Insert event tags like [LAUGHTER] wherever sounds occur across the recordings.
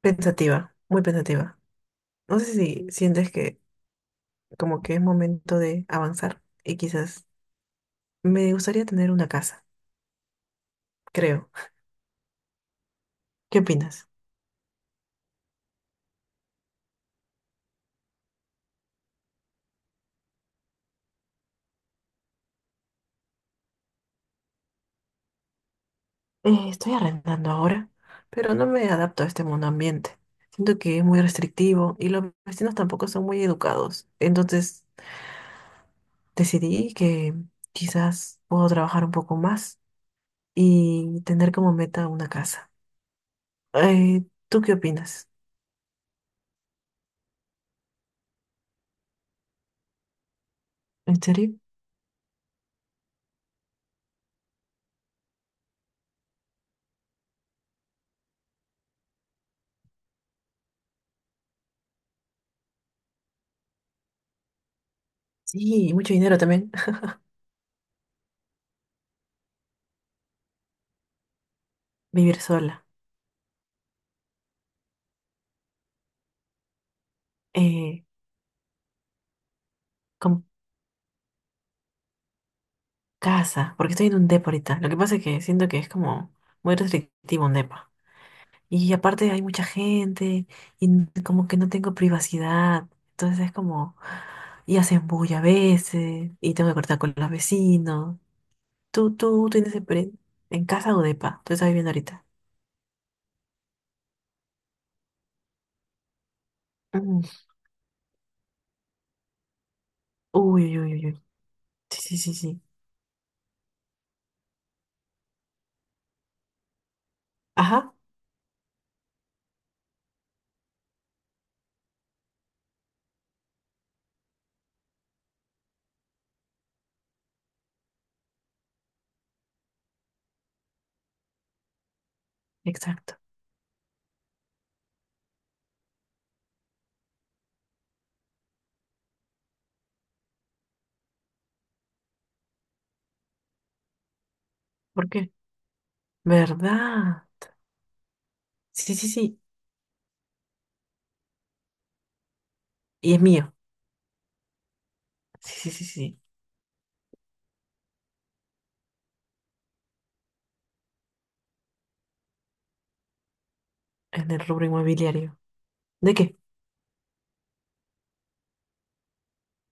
Pensativa, muy pensativa. No sé si sientes que como que es momento de avanzar y quizás me gustaría tener una casa, creo. ¿Qué opinas? Estoy arrendando ahora, pero no me adapto a este mundo ambiente. Siento que es muy restrictivo y los vecinos tampoco son muy educados. Entonces decidí que quizás puedo trabajar un poco más y tener como meta una casa. ¿Tú qué opinas? ¿En serio? Sí, y mucho dinero también. [LAUGHS] Vivir sola. Eh, Como casa, porque estoy en un depa ahorita. Lo que pasa es que siento que es como muy restrictivo un depa. Y aparte hay mucha gente y como que no tengo privacidad. Entonces es como, y hacen bulla a veces y tengo que cortar con los vecinos. ¿Tú tienes experiencia en casa o depa? Tú estás viviendo ahorita. Mm. Uy, uy, uy, uy, uy. Sí, sí, sí, sí. Ajá, exacto. ¿Por qué? ¿Verdad? Sí, sí, sí. Y es mío. Sí, sí, sí, sí. En el rubro inmobiliario. ¿De qué?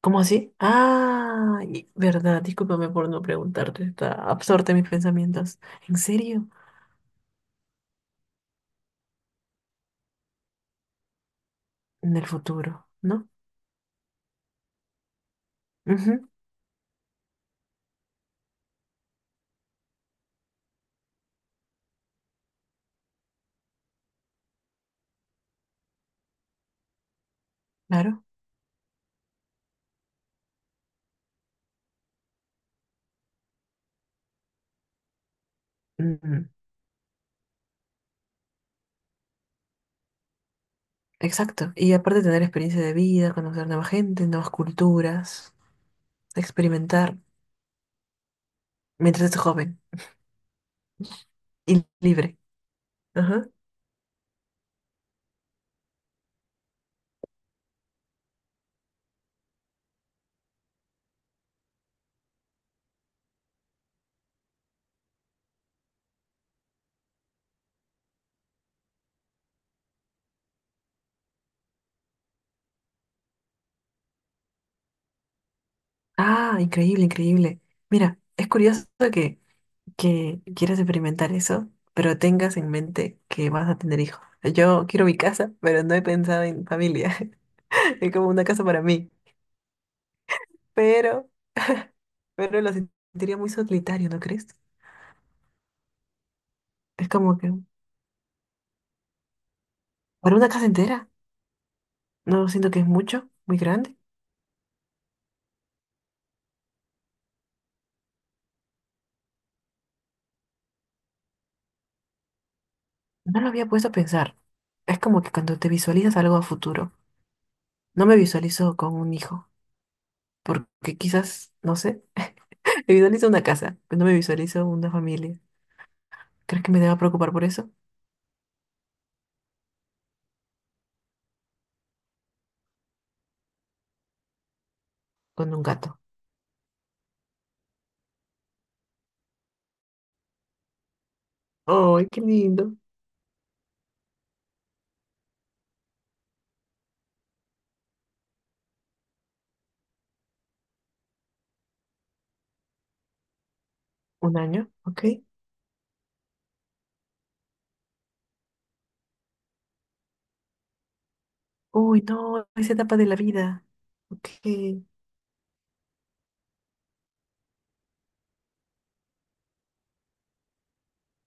¿Cómo así? Ah, verdad, discúlpame por no preguntarte, está absorta en mis pensamientos. ¿En serio? En el futuro, ¿no? Ujú, claro. Mm, exacto. Y aparte tener experiencia de vida, conocer nueva gente, nuevas culturas, experimentar mientras estés joven y libre. Ajá. Ah, increíble, increíble. Mira, es curioso que, que quieras experimentar eso, pero tengas en mente que vas a tener hijos. Yo quiero mi casa, pero no he pensado en familia. [LAUGHS] Es como una casa para mí. Pero, pero lo sentiría muy solitario, ¿no crees? Es como que para una casa entera, no siento que es mucho, muy grande. No lo había puesto a pensar. Es como que cuando te visualizas algo a futuro, no me visualizo con un hijo, porque quizás, no sé, [LAUGHS] me visualizo una casa, pero no me visualizo una familia. ¿Crees que me deba preocupar por eso? Con un gato. ¡Ay, qué lindo! ¿Un año? ¿Ok? Uy, no, esa etapa de la vida. Ok.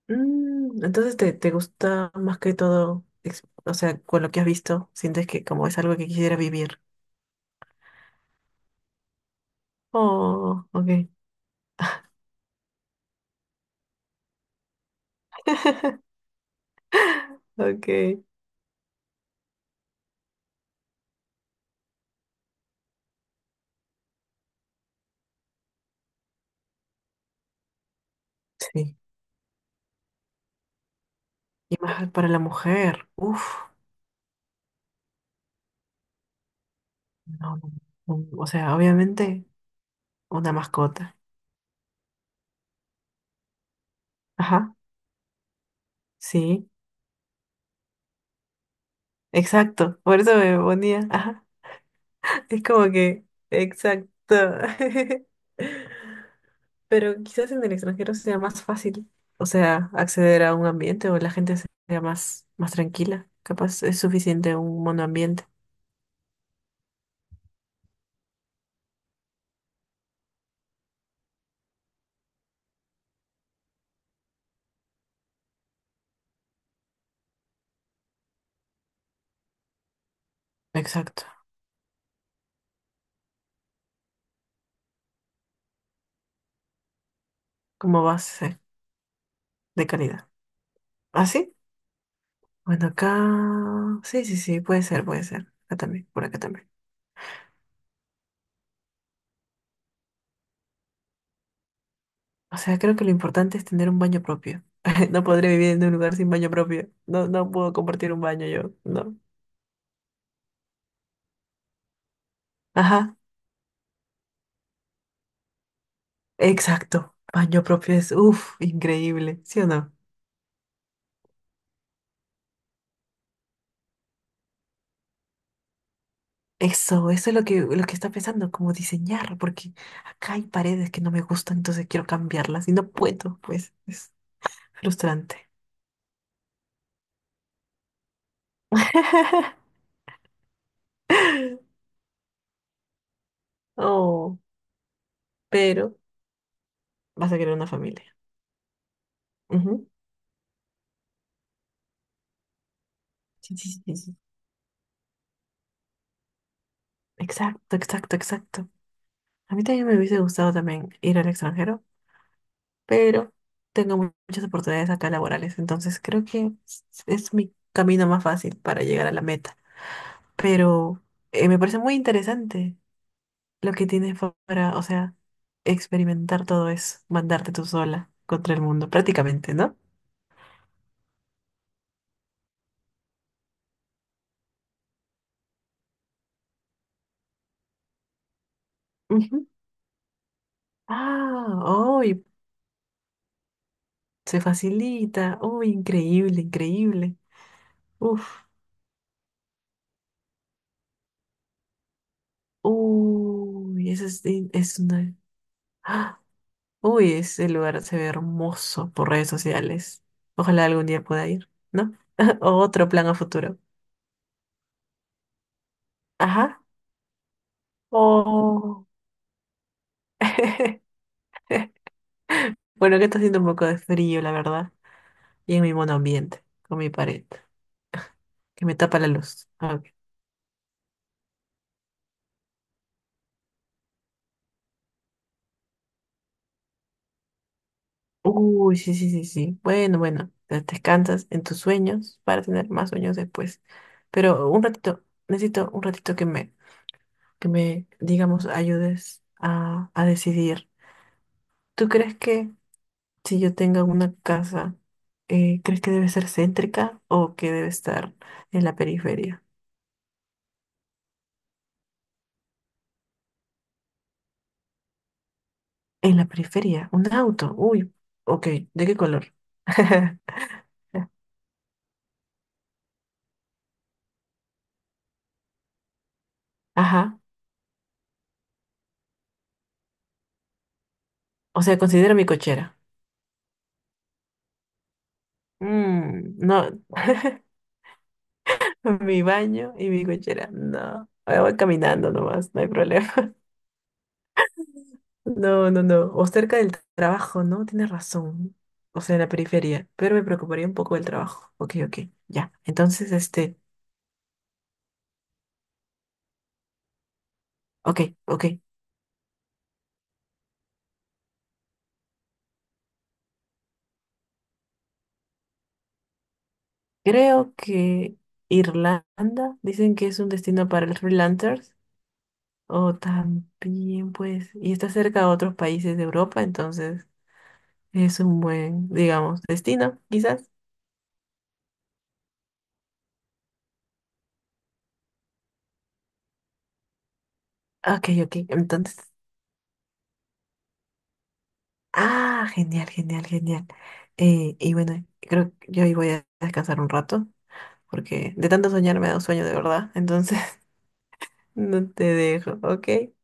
Mm, entonces te gusta más que todo, o sea, con lo que has visto, sientes que como es algo que quisiera vivir. Oh, ok, [LAUGHS] ok. Sí. Y más para la mujer. Uf, no, no, no, o sea, obviamente una mascota. Ajá, sí, exacto. Por eso me ponía, ajá. [LAUGHS] Es como que, exacto. [LAUGHS] Pero quizás en el extranjero sea más fácil, o sea, acceder a un ambiente o la gente sea más, más tranquila. Capaz es suficiente un monoambiente. Exacto. Como base de calidad. ¿Ah, sí? Bueno, acá... Sí, sí, sí, puede ser, puede ser. Acá también, por acá también. O sea, creo que lo importante es tener un baño propio. [LAUGHS] No podré vivir en un lugar sin baño propio. No, no puedo compartir un baño yo, no. Ajá, exacto. Baño propio es, uff, increíble, ¿sí o no? Eso es lo que está pensando, como diseñar, porque acá hay paredes que no me gustan, entonces quiero cambiarlas y no puedo, pues es frustrante. [LAUGHS] Oh, pero vas a querer una familia. Ujú. Sí, sí, sí, sí. Exacto, exacto, exacto. A mí también me hubiese gustado también ir al extranjero, pero tengo muchas oportunidades acá laborales, entonces creo que es mi camino más fácil para llegar a la meta. Pero me parece muy interesante. Lo que tienes para, o sea, experimentar todo es mandarte tú sola contra el mundo, prácticamente, ¿no? Ujú. Ah, uy, se facilita. Uy, increíble, increíble. Uf, uy, ese es, es una... ¡Ah! Uy, ese lugar se ve hermoso por redes sociales. Ojalá algún día pueda ir, ¿no? [LAUGHS] O otro plan a futuro. Ajá. Oh. [LAUGHS] Bueno, que está haciendo un poco de frío, la verdad. Y en mi monoambiente, con mi pared que me tapa la luz. Ah, ok. Uy, sí, sí, sí, sí. Bueno, bueno, descansas en tus sueños para tener más sueños después. Pero un ratito, necesito un ratito que me, digamos, ayudes a decidir. ¿Tú crees que si yo tenga una casa, crees que debe ser céntrica o que debe estar en la periferia? En la periferia, un auto. Uy, ok, ¿de qué color? [LAUGHS] Ajá. O sea, considera mi cochera. Mm, no. [LAUGHS] [LAUGHS] Mi baño y mi cochera. No, me voy caminando nomás, no hay problema. [LAUGHS] No, no, no. O cerca del trabajo, ¿no? Tienes razón. O sea, en la periferia. Pero me preocuparía un poco el trabajo. Ok, ok, ya. Entonces, este, ok, ok. Creo que Irlanda, dicen que es un destino para los freelancers. O también, pues, y está cerca de otros países de Europa, entonces es un buen, digamos, destino, quizás. Ok, ok. Entonces. Ah, genial, genial, genial. Y bueno, creo que yo hoy voy a descansar un rato, porque de tanto soñar me da un sueño de verdad, entonces [LAUGHS] no te dejo, ¿ok?